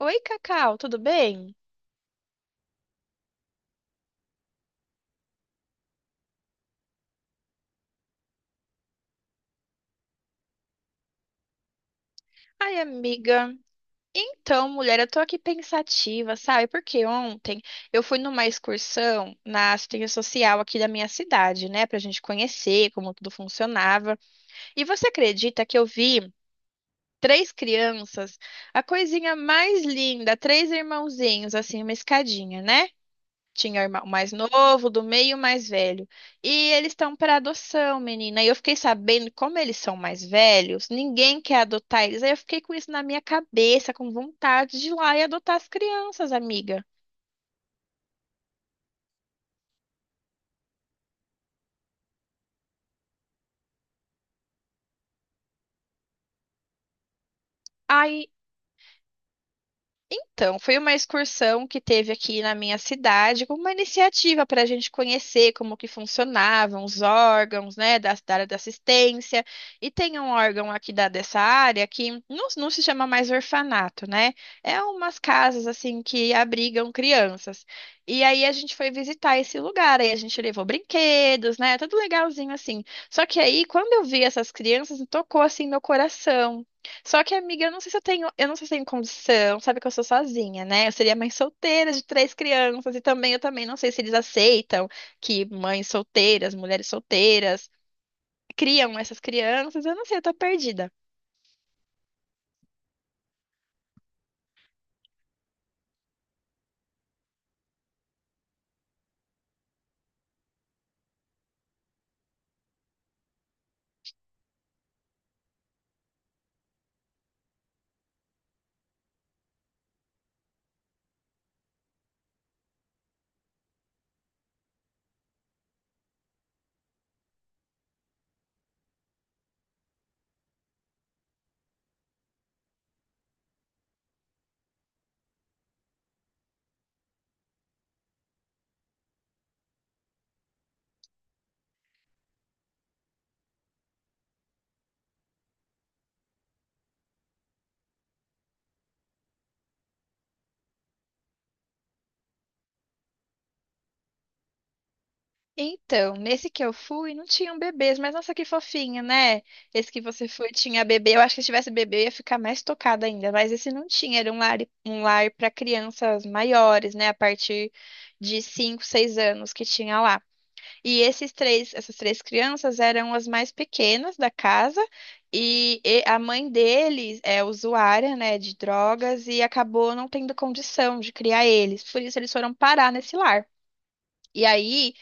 Oi, Cacau, tudo bem? Ai, amiga. Então, mulher, eu tô aqui pensativa, sabe? Porque ontem eu fui numa excursão na assistência social aqui da minha cidade, né? Pra gente conhecer como tudo funcionava. E você acredita que eu vi três crianças, a coisinha mais linda, três irmãozinhos, assim, uma escadinha, né? Tinha o irmão mais novo, do meio, o mais velho. E eles estão para adoção, menina. E eu fiquei sabendo como eles são mais velhos, ninguém quer adotar eles. Aí eu fiquei com isso na minha cabeça, com vontade de ir lá e adotar as crianças, amiga. Aí Então, foi uma excursão que teve aqui na minha cidade, como uma iniciativa para a gente conhecer como que funcionavam os órgãos, né, da área da assistência. E tem um órgão aqui da, dessa área que não se chama mais orfanato, né? É umas casas, assim, que abrigam crianças. E aí a gente foi visitar esse lugar, aí a gente levou brinquedos, né? Tudo legalzinho, assim. Só que aí, quando eu vi essas crianças, tocou, assim, meu coração. Só que, amiga, eu não sei se eu tenho, eu não sei se eu tenho condição, sabe que eu sou sozinha, né? Eu seria mãe solteira de três crianças e também eu também não sei se eles aceitam que mães solteiras, mulheres solteiras criam essas crianças. Eu não sei, eu tô perdida. Então, nesse que eu fui, não tinham bebês, mas nossa, que fofinho, né? Esse que você foi tinha bebê. Eu acho que se tivesse bebê eu ia ficar mais tocada ainda, mas esse não tinha, era um lar para crianças maiores, né? A partir de 5, 6 anos que tinha lá. E esses três, essas três crianças eram as mais pequenas da casa, e a mãe deles é usuária, né, de drogas e acabou não tendo condição de criar eles. Por isso eles foram parar nesse lar. E aí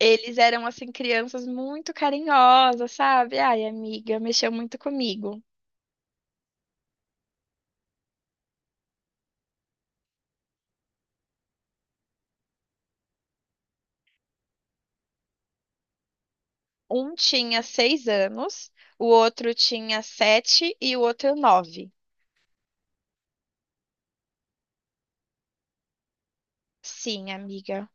eles eram assim crianças muito carinhosas, sabe? Ai, amiga, mexeu muito comigo. Um tinha 6 anos, o outro tinha 7 e o outro 9. Sim, amiga,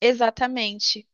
exatamente.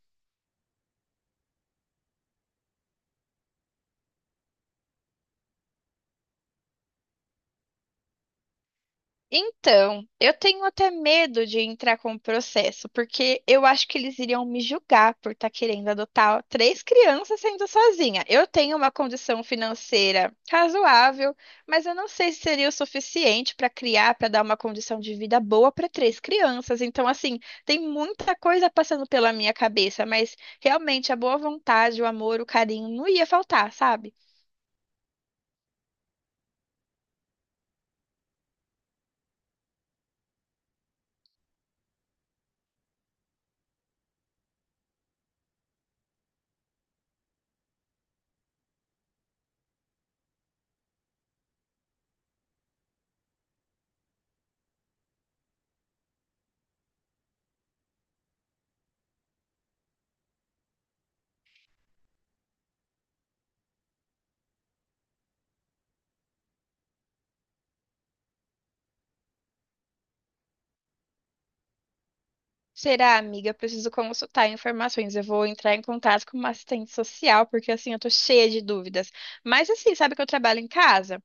Então, eu tenho até medo de entrar com o processo, porque eu acho que eles iriam me julgar por estar querendo adotar três crianças sendo sozinha. Eu tenho uma condição financeira razoável, mas eu não sei se seria o suficiente para criar, para dar uma condição de vida boa para três crianças. Então, assim, tem muita coisa passando pela minha cabeça, mas realmente a boa vontade, o amor, o carinho não ia faltar, sabe? Será, amiga? Preciso consultar informações. Eu vou entrar em contato com uma assistente social, porque assim eu tô cheia de dúvidas. Mas assim, sabe que eu trabalho em casa?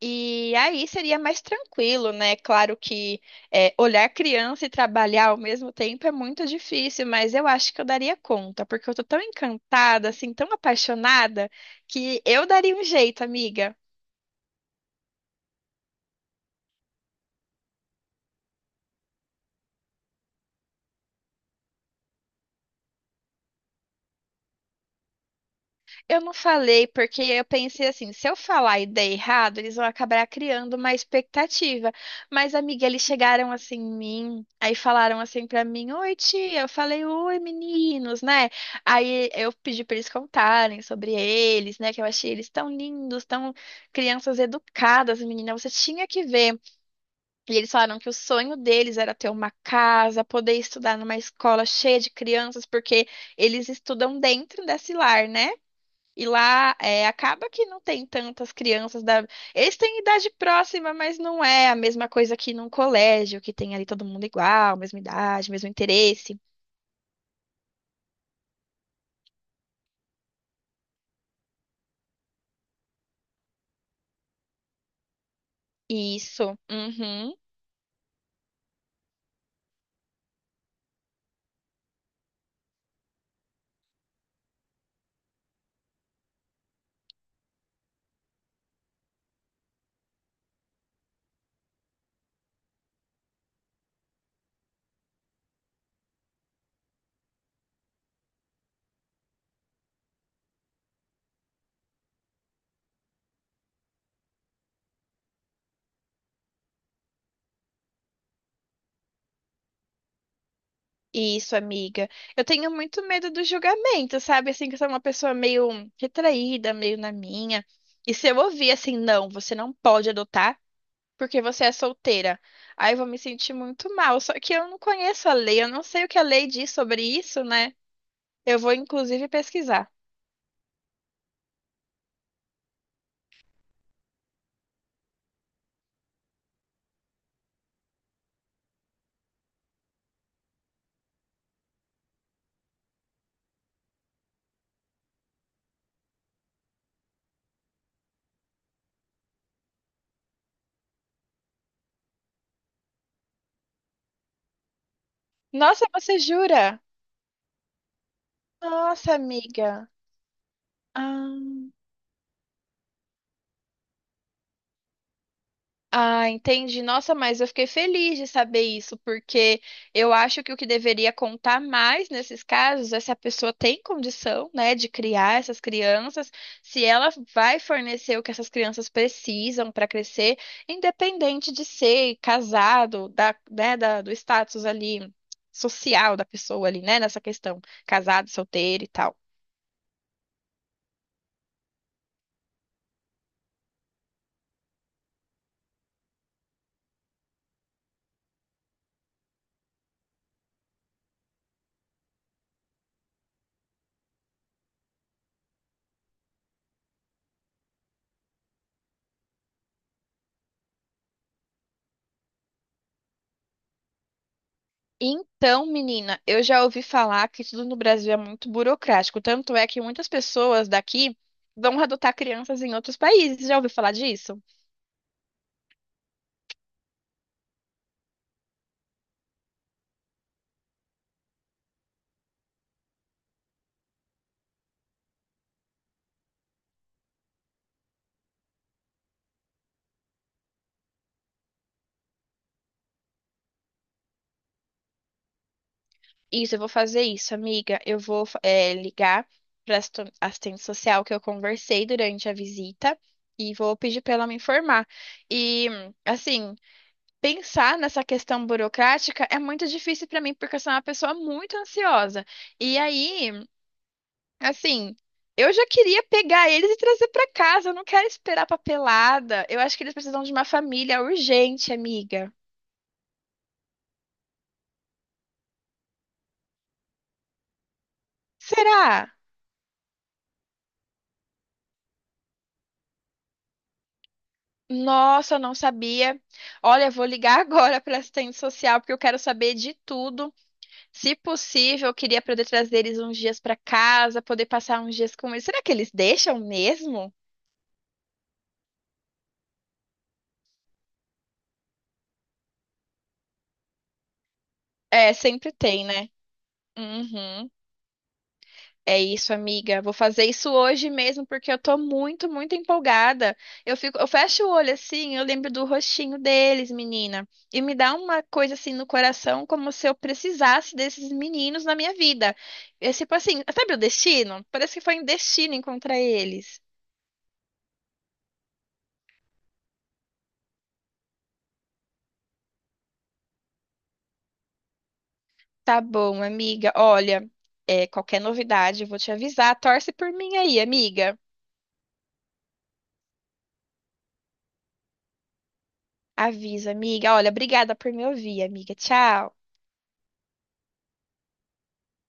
E aí seria mais tranquilo, né? Claro que é, olhar criança e trabalhar ao mesmo tempo é muito difícil, mas eu acho que eu daria conta, porque eu tô tão encantada, assim, tão apaixonada, que eu daria um jeito, amiga. Eu não falei porque eu pensei assim, se eu falar e der errado, eles vão acabar criando uma expectativa. Mas, amiga, eles chegaram assim em mim, aí falaram assim pra mim, oi tia, eu falei, oi meninos, né? Aí eu pedi pra eles contarem sobre eles, né? Que eu achei eles tão lindos, tão crianças educadas, menina, você tinha que ver. E eles falaram que o sonho deles era ter uma casa, poder estudar numa escola cheia de crianças, porque eles estudam dentro desse lar, né? E lá é, acaba que não tem tantas crianças da. Eles têm idade próxima, mas não é a mesma coisa que num colégio, que tem ali todo mundo igual, mesma idade, mesmo interesse. Isso. Uhum. Isso, amiga. Eu tenho muito medo do julgamento, sabe? Assim, que eu sou uma pessoa meio retraída, meio na minha. E se eu ouvir assim, não, você não pode adotar porque você é solteira, aí eu vou me sentir muito mal. Só que eu não conheço a lei, eu não sei o que a lei diz sobre isso, né? Eu vou inclusive pesquisar. Nossa, você jura? Nossa, amiga. Ah, ah, entendi. Nossa, mas eu fiquei feliz de saber isso, porque eu acho que o que deveria contar mais nesses casos é se a pessoa tem condição, né, de criar essas crianças, se ela vai fornecer o que essas crianças precisam para crescer, independente de ser casado, da, né, da- do status ali social da pessoa ali, né, nessa questão, casado, solteiro e tal. Então, menina, eu já ouvi falar que tudo no Brasil é muito burocrático. Tanto é que muitas pessoas daqui vão adotar crianças em outros países. Já ouviu falar disso? Isso, eu vou fazer isso, amiga. Eu vou, ligar para a assistente social que eu conversei durante a visita e vou pedir para ela me informar. E, assim, pensar nessa questão burocrática é muito difícil para mim, porque eu sou uma pessoa muito ansiosa. E aí. Assim, eu já queria pegar eles e trazer pra casa. Eu não quero esperar papelada. Eu acho que eles precisam de uma família urgente, amiga. Será? Nossa, eu não sabia. Olha, eu vou ligar agora para assistente social porque eu quero saber de tudo. Se possível, eu queria poder trazer eles uns dias para casa, poder passar uns dias com eles. Será que eles deixam mesmo? É, sempre tem, né? Uhum. É isso, amiga. Vou fazer isso hoje mesmo porque eu tô muito empolgada. Eu fico, eu fecho o olho assim, eu lembro do rostinho deles, menina, e me dá uma coisa assim no coração, como se eu precisasse desses meninos na minha vida. É tipo assim, sabe o destino? Parece que foi um destino encontrar eles. Tá bom, amiga. Olha, é, qualquer novidade eu vou te avisar. Torce por mim aí, amiga. Avisa, amiga. Olha, obrigada por me ouvir, amiga. Tchau.